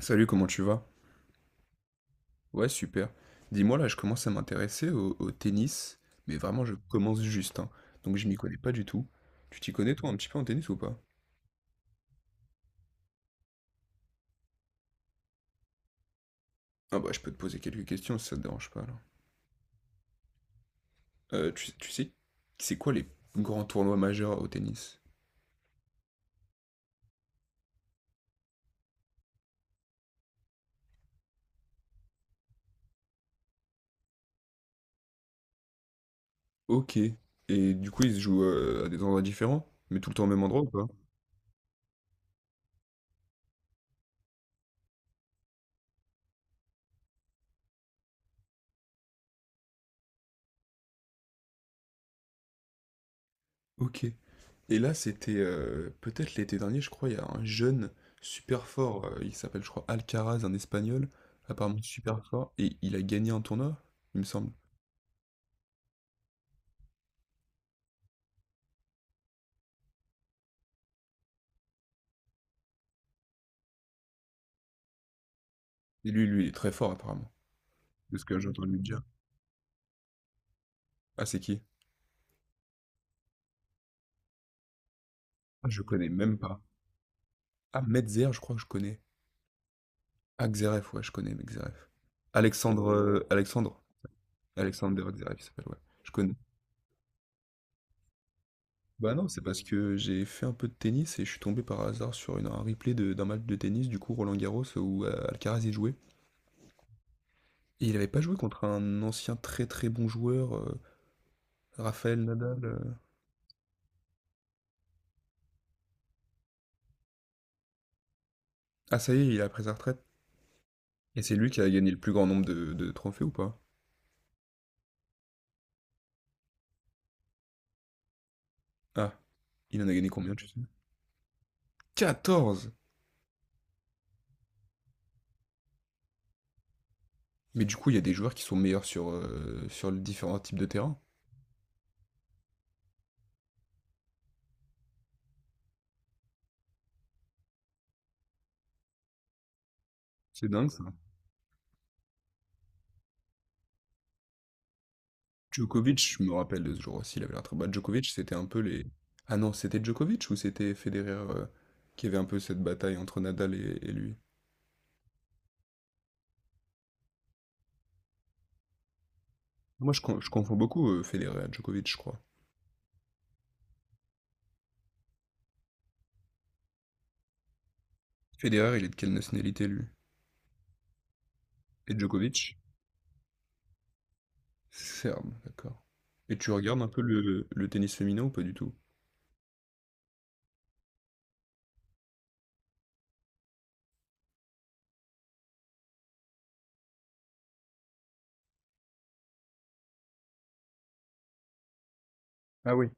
Salut, comment tu vas? Ouais, super. Dis-moi, là, je commence à m'intéresser au tennis, mais vraiment, je commence juste, hein. Donc, je m'y connais pas du tout. Tu t'y connais, toi, un petit peu en tennis ou pas? Ah bah, je peux te poser quelques questions si ça te dérange pas, là. Tu sais, c'est quoi les grands tournois majeurs au tennis? Ok. Et du coup, ils se jouent à des endroits différents, mais tout le temps au même endroit ou pas? Ok. Et là, c'était peut-être l'été dernier, je crois, il y a un jeune super fort, il s'appelle, je crois, Alcaraz, un Espagnol, apparemment super fort, et il a gagné un tournoi, il me semble. Et lui, il est très fort, apparemment, de ce que j'entends lui dire. Ah, c'est qui? Ah, je connais même pas. Ah, Medzer, je crois que je connais. Ah, Xeref, ouais, je connais, Xeref. Alexandre, Alexander Xeref, il s'appelle, ouais, je connais. Bah non, c'est parce que j'ai fait un peu de tennis et je suis tombé par hasard sur un replay d'un match de tennis, du coup, Roland Garros, où Alcaraz y jouait. Et il n'avait pas joué contre un ancien très très bon joueur, Rafael Nadal? Ah ça y est, il a pris sa retraite? Et c'est lui qui a gagné le plus grand nombre de trophées ou pas? Ah, il en a gagné combien, tu sais? 14! Mais du coup, il y a des joueurs qui sont meilleurs sur les différents types de terrain. C'est dingue ça. Djokovic, je me rappelle de ce jour aussi, il avait l'air très bas. Djokovic, c'était un peu les ah non, c'était Djokovic ou c'était Federer, qui avait un peu cette bataille entre Nadal et lui? Moi, je confonds beaucoup, Federer et Djokovic, je crois. Federer, il est de quelle nationalité, lui? Et Djokovic? Serbe, d'accord. Et tu regardes un peu le tennis féminin ou pas du tout? Ah oui.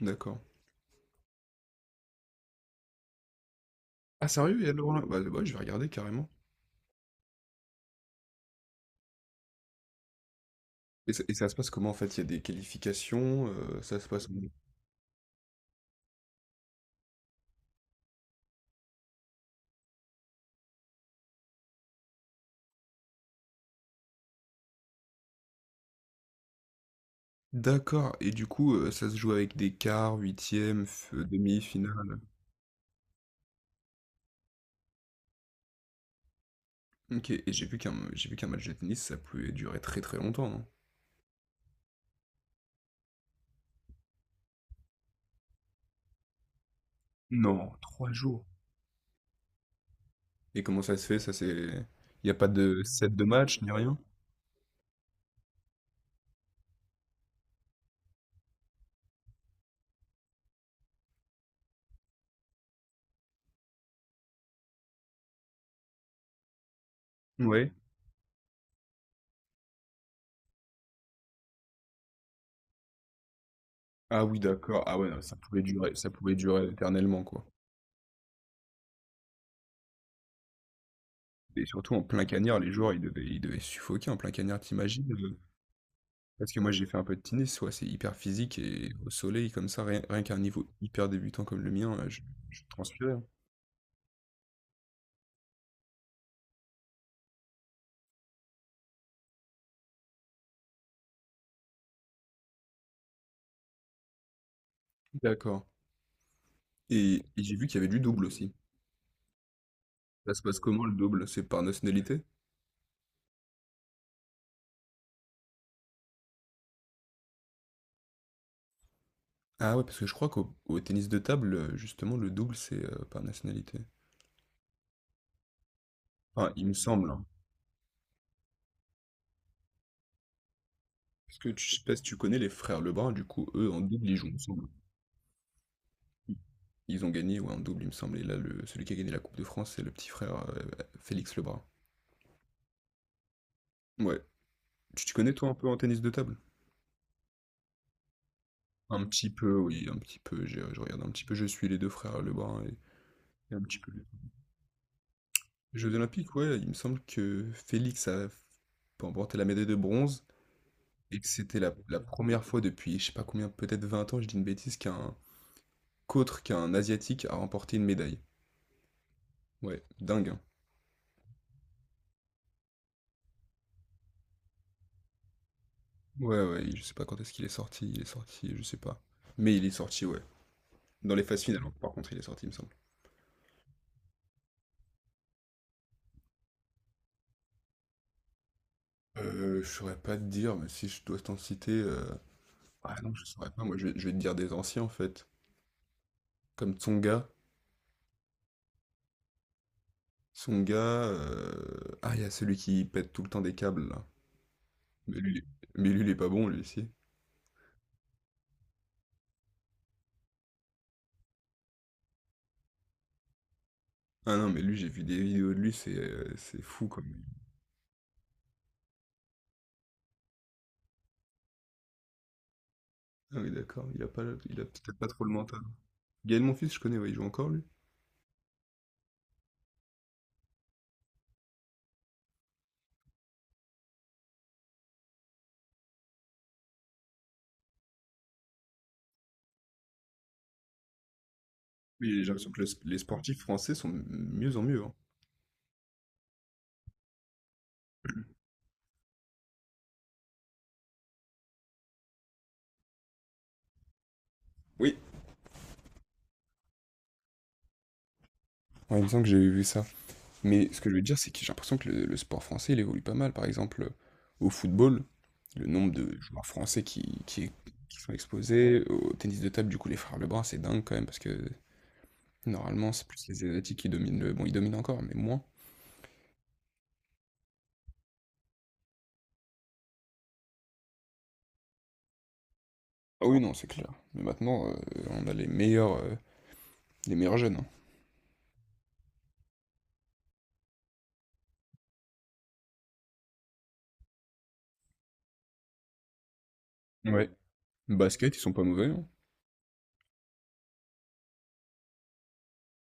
D'accord. Ah sérieux, il y a le Roland? Bah ouais, je vais regarder carrément. Et ça se passe comment en fait? Il y a des qualifications, ça se passe. D'accord, et du coup, ça se joue avec des quarts, huitièmes, demi-finale. Ok, et j'ai vu qu'un match de tennis, ça pouvait durer très très longtemps, non? Non, 3 jours. Et comment ça se fait? Ça c'est. Il n'y a pas de set de match, ni rien? Ouais. Ah oui, d'accord. Ah ouais, non, ça pouvait durer éternellement, quoi. Et surtout en plein cagnard, les joueurs, ils devaient suffoquer en plein cagnard, tu imagines? Parce que moi, j'ai fait un peu de tennis, ouais, c'est hyper physique et au soleil comme ça, rien qu'un niveau hyper débutant comme le mien, je transpirais, hein. D'accord et j'ai vu qu'il y avait du double aussi. Ça se passe comment le double? C'est par nationalité? Ah ouais, parce que je crois qu'au tennis de table, justement, le double, c'est par nationalité. Enfin, il me semble, hein. Parce que tu je sais pas si tu connais les frères Lebrun, du coup, eux, en double, ils jouent ensemble. Ils ont gagné ouais, en double, il me semble. Et là, celui qui a gagné la Coupe de France, c'est le petit frère Félix Lebrun. Ouais. Tu te connais, toi, un peu en tennis de table? Un petit peu, oui, un petit peu. Je regarde un petit peu. Je suis les deux frères Lebrun et un petit peu les Jeux Olympiques, ouais. Il me semble que Félix a remporté la médaille de bronze et que c'était la première fois depuis, je sais pas combien, peut-être 20 ans, je dis une bêtise, qu'autre qu'un Asiatique a remporté une médaille. Ouais, dingue, hein. Ouais, ouais, je sais pas quand est-ce qu'il est sorti. Il est sorti, je sais pas. Mais il est sorti, ouais. Dans les phases finales, par contre, il est sorti, il me semble. Je saurais pas te dire, mais si je dois t'en citer. Ah non, je saurais pas, moi je vais te dire des anciens en fait. Comme Tsonga. Tsonga. Ah, il y a celui qui pète tout le temps des câbles là. Mais lui, il est- mais lui, il est pas bon lui aussi. Ah non, mais lui, j'ai vu des vidéos de lui, c'est fou comme. Ah oui, d'accord, il a pas, il a peut-être pas trop le mental. Gaël Monfils, je connais, ouais, il joue encore lui. Oui, j'ai l'impression que les sportifs français sont de mieux en mieux, hein. Oui. Ouais, il me semble que j'ai vu ça. Mais ce que je veux dire, c'est que j'ai l'impression que le sport français, il évolue pas mal. Par exemple, au football, le nombre de joueurs français qui sont exposés. Au tennis de table, du coup, les frères Lebrun, c'est dingue quand même, parce que normalement, c'est plus les Asiatiques qui dominent. Bon, ils dominent encore, mais moins. Ah oui, non, c'est clair. Mais maintenant, on a les meilleurs jeunes, hein. Ouais. Basket, ils sont pas mauvais, hein.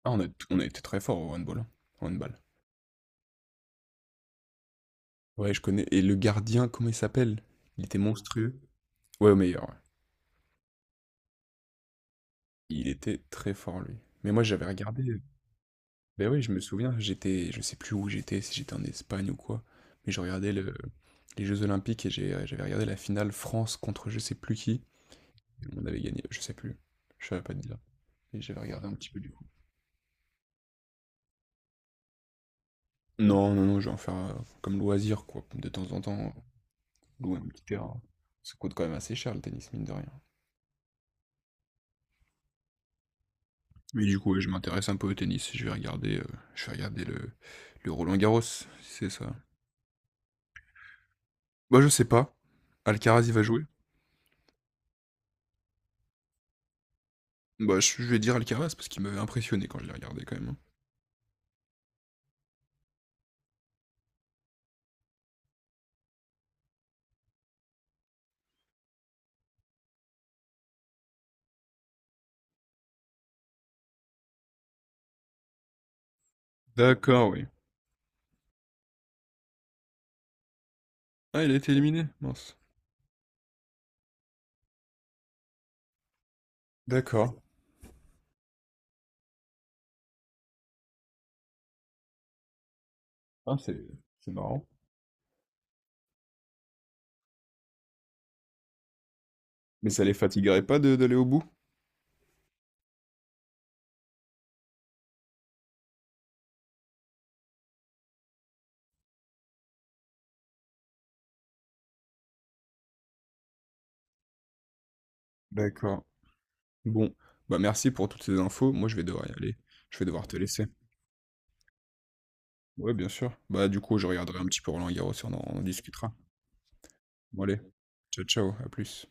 Ah, on a été très fort au handball, hein. Au handball. Ouais, je connais. Et le gardien, comment il s'appelle? Il était monstrueux. Ouais, au meilleur, ouais. Il était très fort, lui. Mais moi, j'avais regardé. Ben oui, je me souviens, j'étais, je sais plus où j'étais, si j'étais en Espagne ou quoi, mais je regardais les Jeux Olympiques et j'avais regardé la finale France contre je sais plus qui. Et on avait gagné, je sais plus. Je savais pas te dire. Mais j'avais regardé un petit peu du coup. Non, non, non, je vais en faire comme loisir, quoi. De temps en temps, louer un petit terrain. Ça coûte quand même assez cher le tennis, mine de rien. Mais du coup, ouais, je m'intéresse un peu au tennis. Je vais regarder le Roland Garros, si c'est ça. Bah je sais pas. Alcaraz, il va jouer? Bah, je vais dire Alcaraz parce qu'il m'avait impressionné quand je l'ai regardé quand même, hein. D'accord, oui. Ah, il a été éliminé, mince. D'accord. Ah, c'est marrant. Mais ça les fatiguerait pas d'aller au bout? D'accord. Bon, bah merci pour toutes ces infos. Moi, je vais devoir y aller. Je vais devoir te laisser. Ouais, bien sûr. Bah, du coup, je regarderai un petit peu Roland Garros et on en discutera. Bon, allez. Ciao, ciao, à plus.